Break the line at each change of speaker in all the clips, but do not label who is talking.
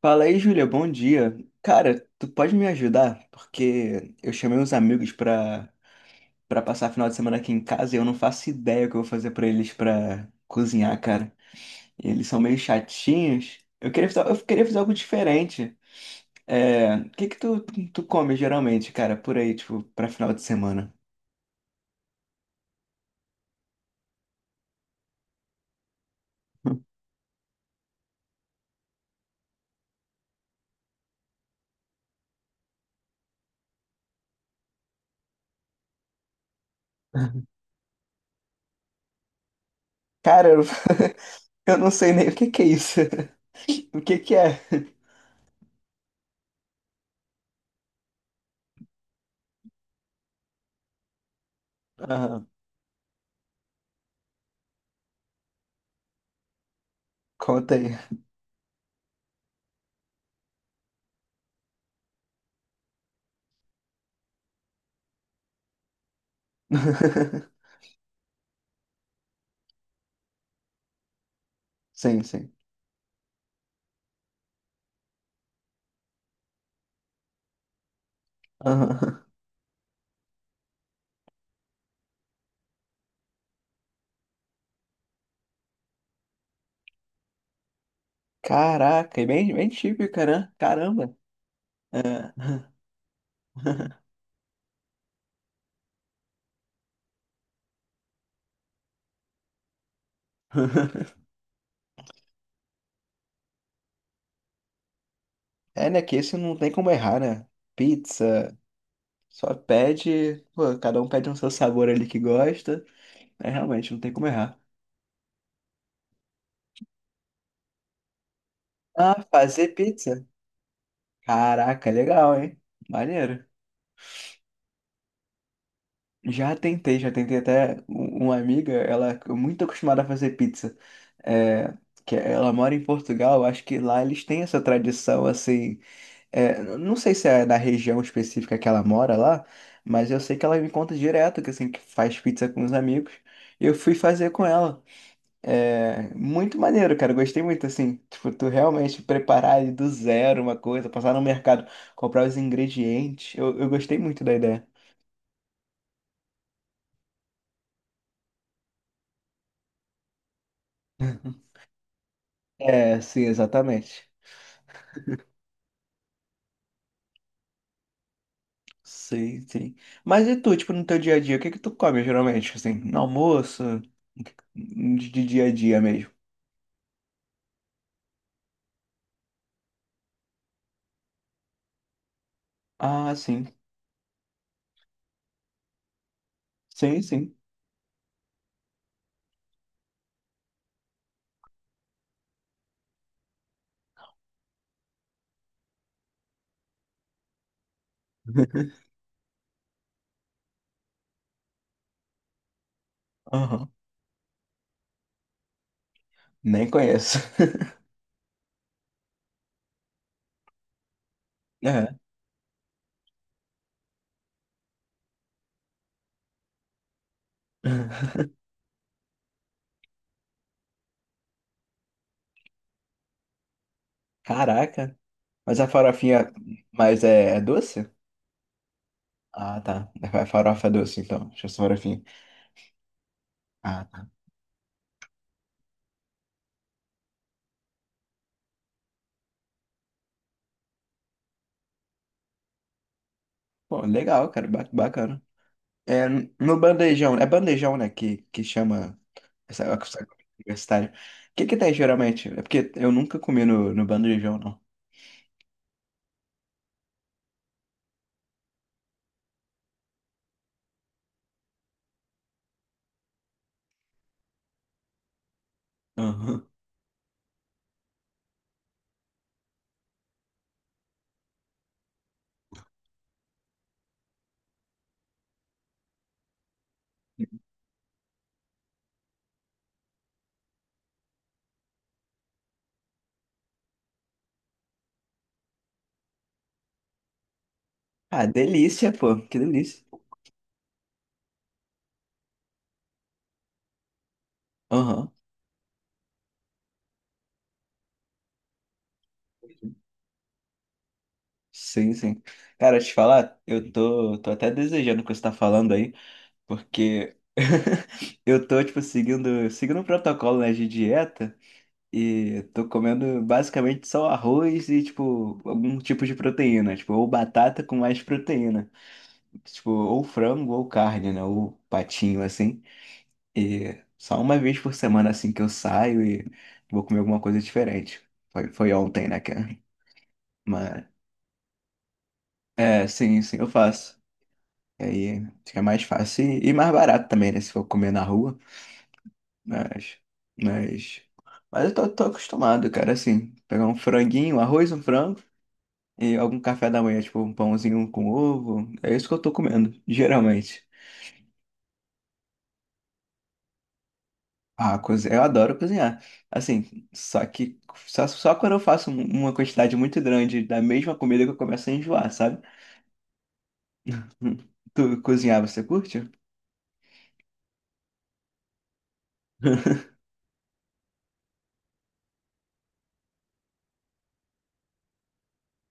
Fala aí, Júlia, bom dia. Cara, tu pode me ajudar? Porque eu chamei uns amigos pra passar final de semana aqui em casa e eu não faço ideia o que eu vou fazer pra eles pra cozinhar, cara. E eles são meio chatinhos. Eu queria fazer algo diferente. É, o que que tu come geralmente, cara, por aí, tipo, pra final de semana? Cara, eu, eu não sei nem o que que é isso. O que que é? Aham, conta aí. Sim, sim. Aham. Caraca, é bem típica, né? Caramba. É. É, né? Que esse não tem como errar, né? Pizza, só pede. Pô, cada um pede um seu sabor ali que gosta. É, realmente, não tem como errar. Ah, fazer pizza? Caraca, legal, hein? Maneiro. Já tentei até uma amiga, ela é muito acostumada a fazer pizza. É, que ela mora em Portugal, acho que lá eles têm essa tradição assim. É, não sei se é da região específica que ela mora lá, mas eu sei que ela me conta direto que assim que faz pizza com os amigos. E eu fui fazer com ela. É muito maneiro, cara. Eu gostei muito assim. Tipo, tu realmente preparar ali do zero uma coisa, passar no mercado, comprar os ingredientes. Eu gostei muito da ideia. É, sim, exatamente. Sim, sim. Mas e tu, tipo, no teu dia a dia, o que que tu come geralmente? Assim, no almoço, de dia a dia mesmo? Ah, sim. Sim, sim. Aham. Nem conheço. É. Caraca. Mas a farofinha. Mas é doce? Ah, tá. A farofa é doce, então. Deixa eu só farofinha. Ah, tá. Pô, legal, cara. Bacana. É, no bandejão. É bandejão, né? Que chama essa comida universitária. O que que tem geralmente? É porque eu nunca comi no bandejão, não. Aham. Ah, delícia, pô. Que delícia. Aham. Sim, sim. Cara, te falar, eu tô até desejando o que você tá falando aí. Porque eu tô, tipo, seguindo um protocolo, né, de dieta e tô comendo basicamente só arroz e, tipo, algum tipo de proteína, tipo, ou batata com mais proteína, tipo, ou frango ou carne, né, ou patinho, assim. E só uma vez por semana, assim, que eu saio e vou comer alguma coisa diferente. Foi ontem, né, cara? Mas, é, sim, sim, eu faço. E aí fica mais fácil e mais barato também, né, se for comer na rua. Mas, mas, mas eu tô acostumado, cara, assim, pegar um franguinho, arroz, um frango e algum café da manhã, tipo um pãozinho com ovo, é isso que eu tô comendo, geralmente. Ah, eu adoro cozinhar, assim, só que só quando eu faço uma quantidade muito grande da mesma comida que eu começo a enjoar, sabe? Hum. Tu cozinhar, você curte?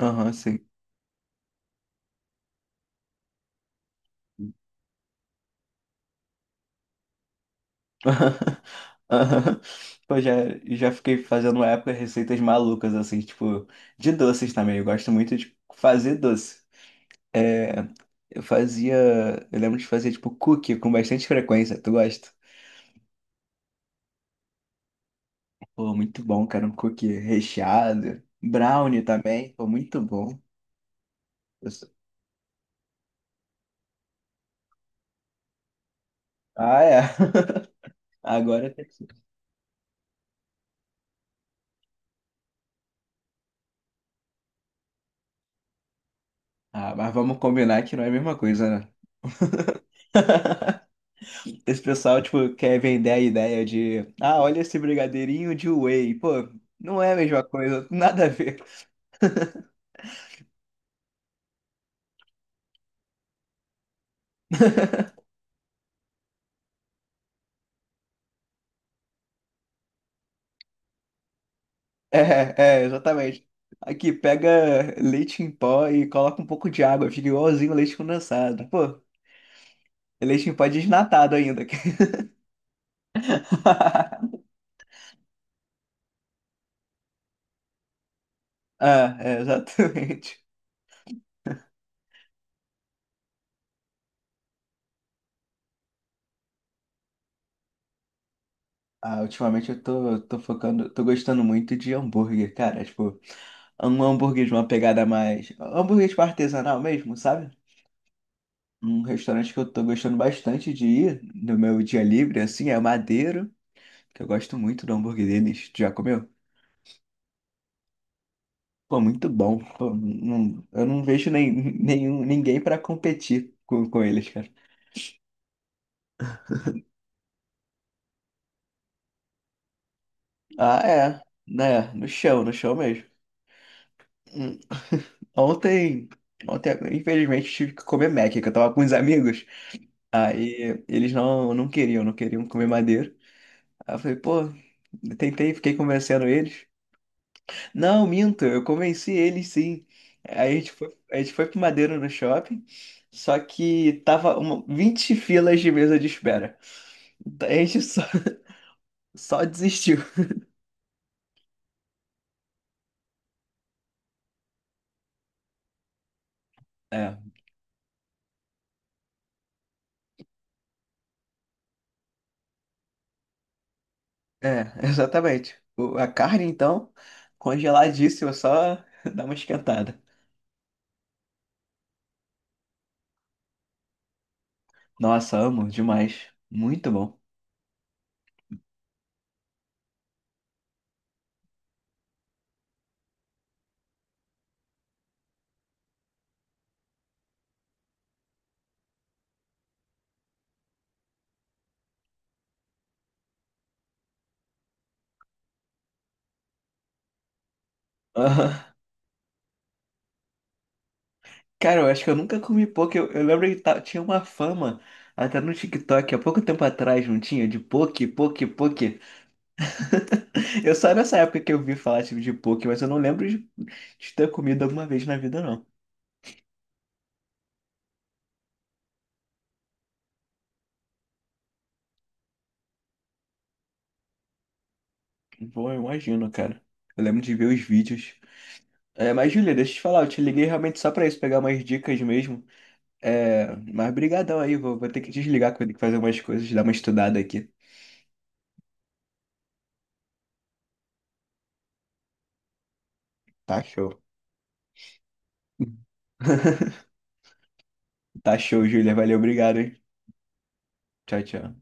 Aham, sim. Aham. Pô, já fiquei fazendo uma época receitas malucas, assim, tipo, de doces também. Eu gosto muito de fazer doce. É, eu fazia. Eu lembro de fazer, tipo, cookie com bastante frequência. Tu gosta? Pô, muito bom, cara. Um cookie recheado. Brownie também. Pô, muito bom. Eu sou- Ah, é. Agora tem que. Ah, mas vamos combinar que não é a mesma coisa, né? Esse pessoal, tipo, quer vender a ideia de, ah, olha esse brigadeirinho de whey. Pô, não é a mesma coisa, nada a ver. É, exatamente. Aqui, pega leite em pó e coloca um pouco de água, fica igualzinho leite condensado. Pô, é leite em pó desnatado ainda. Ah, é, exatamente. Ah, ultimamente eu tô focando, tô gostando muito de hambúrguer, cara. Tipo, um hambúrguer de uma pegada mais. Hambúrguer tipo artesanal mesmo, sabe? Um restaurante que eu tô gostando bastante de ir no meu dia livre, assim, é o Madeiro, que eu gosto muito do hambúrguer deles. Tu já comeu? Pô, muito bom. Pô, eu não vejo nem, nenhum, ninguém pra competir com eles, cara. Ah, é. Né? No chão mesmo. Hum, Ontem, ontem, infelizmente, tive que comer Mac, que eu tava com uns amigos. Aí eles não queriam comer Madeiro. Aí eu falei, pô, eu tentei, fiquei convencendo eles. Não, minto, eu convenci ele sim. Aí a gente foi pro Madeira no shopping, só que tava uma, 20 filas de mesa de espera. Então, a gente só, só desistiu. É, exatamente. A carne, então, congeladíssima, só dá uma esquentada. Nossa, amo demais. Muito bom. Aham. Cara, eu acho que eu nunca comi poke. Eu lembro que tinha uma fama até no TikTok, há pouco tempo atrás, não tinha? De poke. Eu só nessa época que eu vi falar tipo, de poke, mas eu não lembro de ter comido alguma vez na vida, não. Bom, eu imagino, cara. Eu lembro de ver os vídeos. É, mas, Julia, deixa eu te falar, eu te liguei realmente só pra isso, pegar umas dicas mesmo. É, mas brigadão aí, vou ter que desligar, que eu vou ter que fazer umas coisas, dar uma estudada aqui. Tá show. Tá show, Julia. Valeu, obrigado, hein? Tchau, tchau.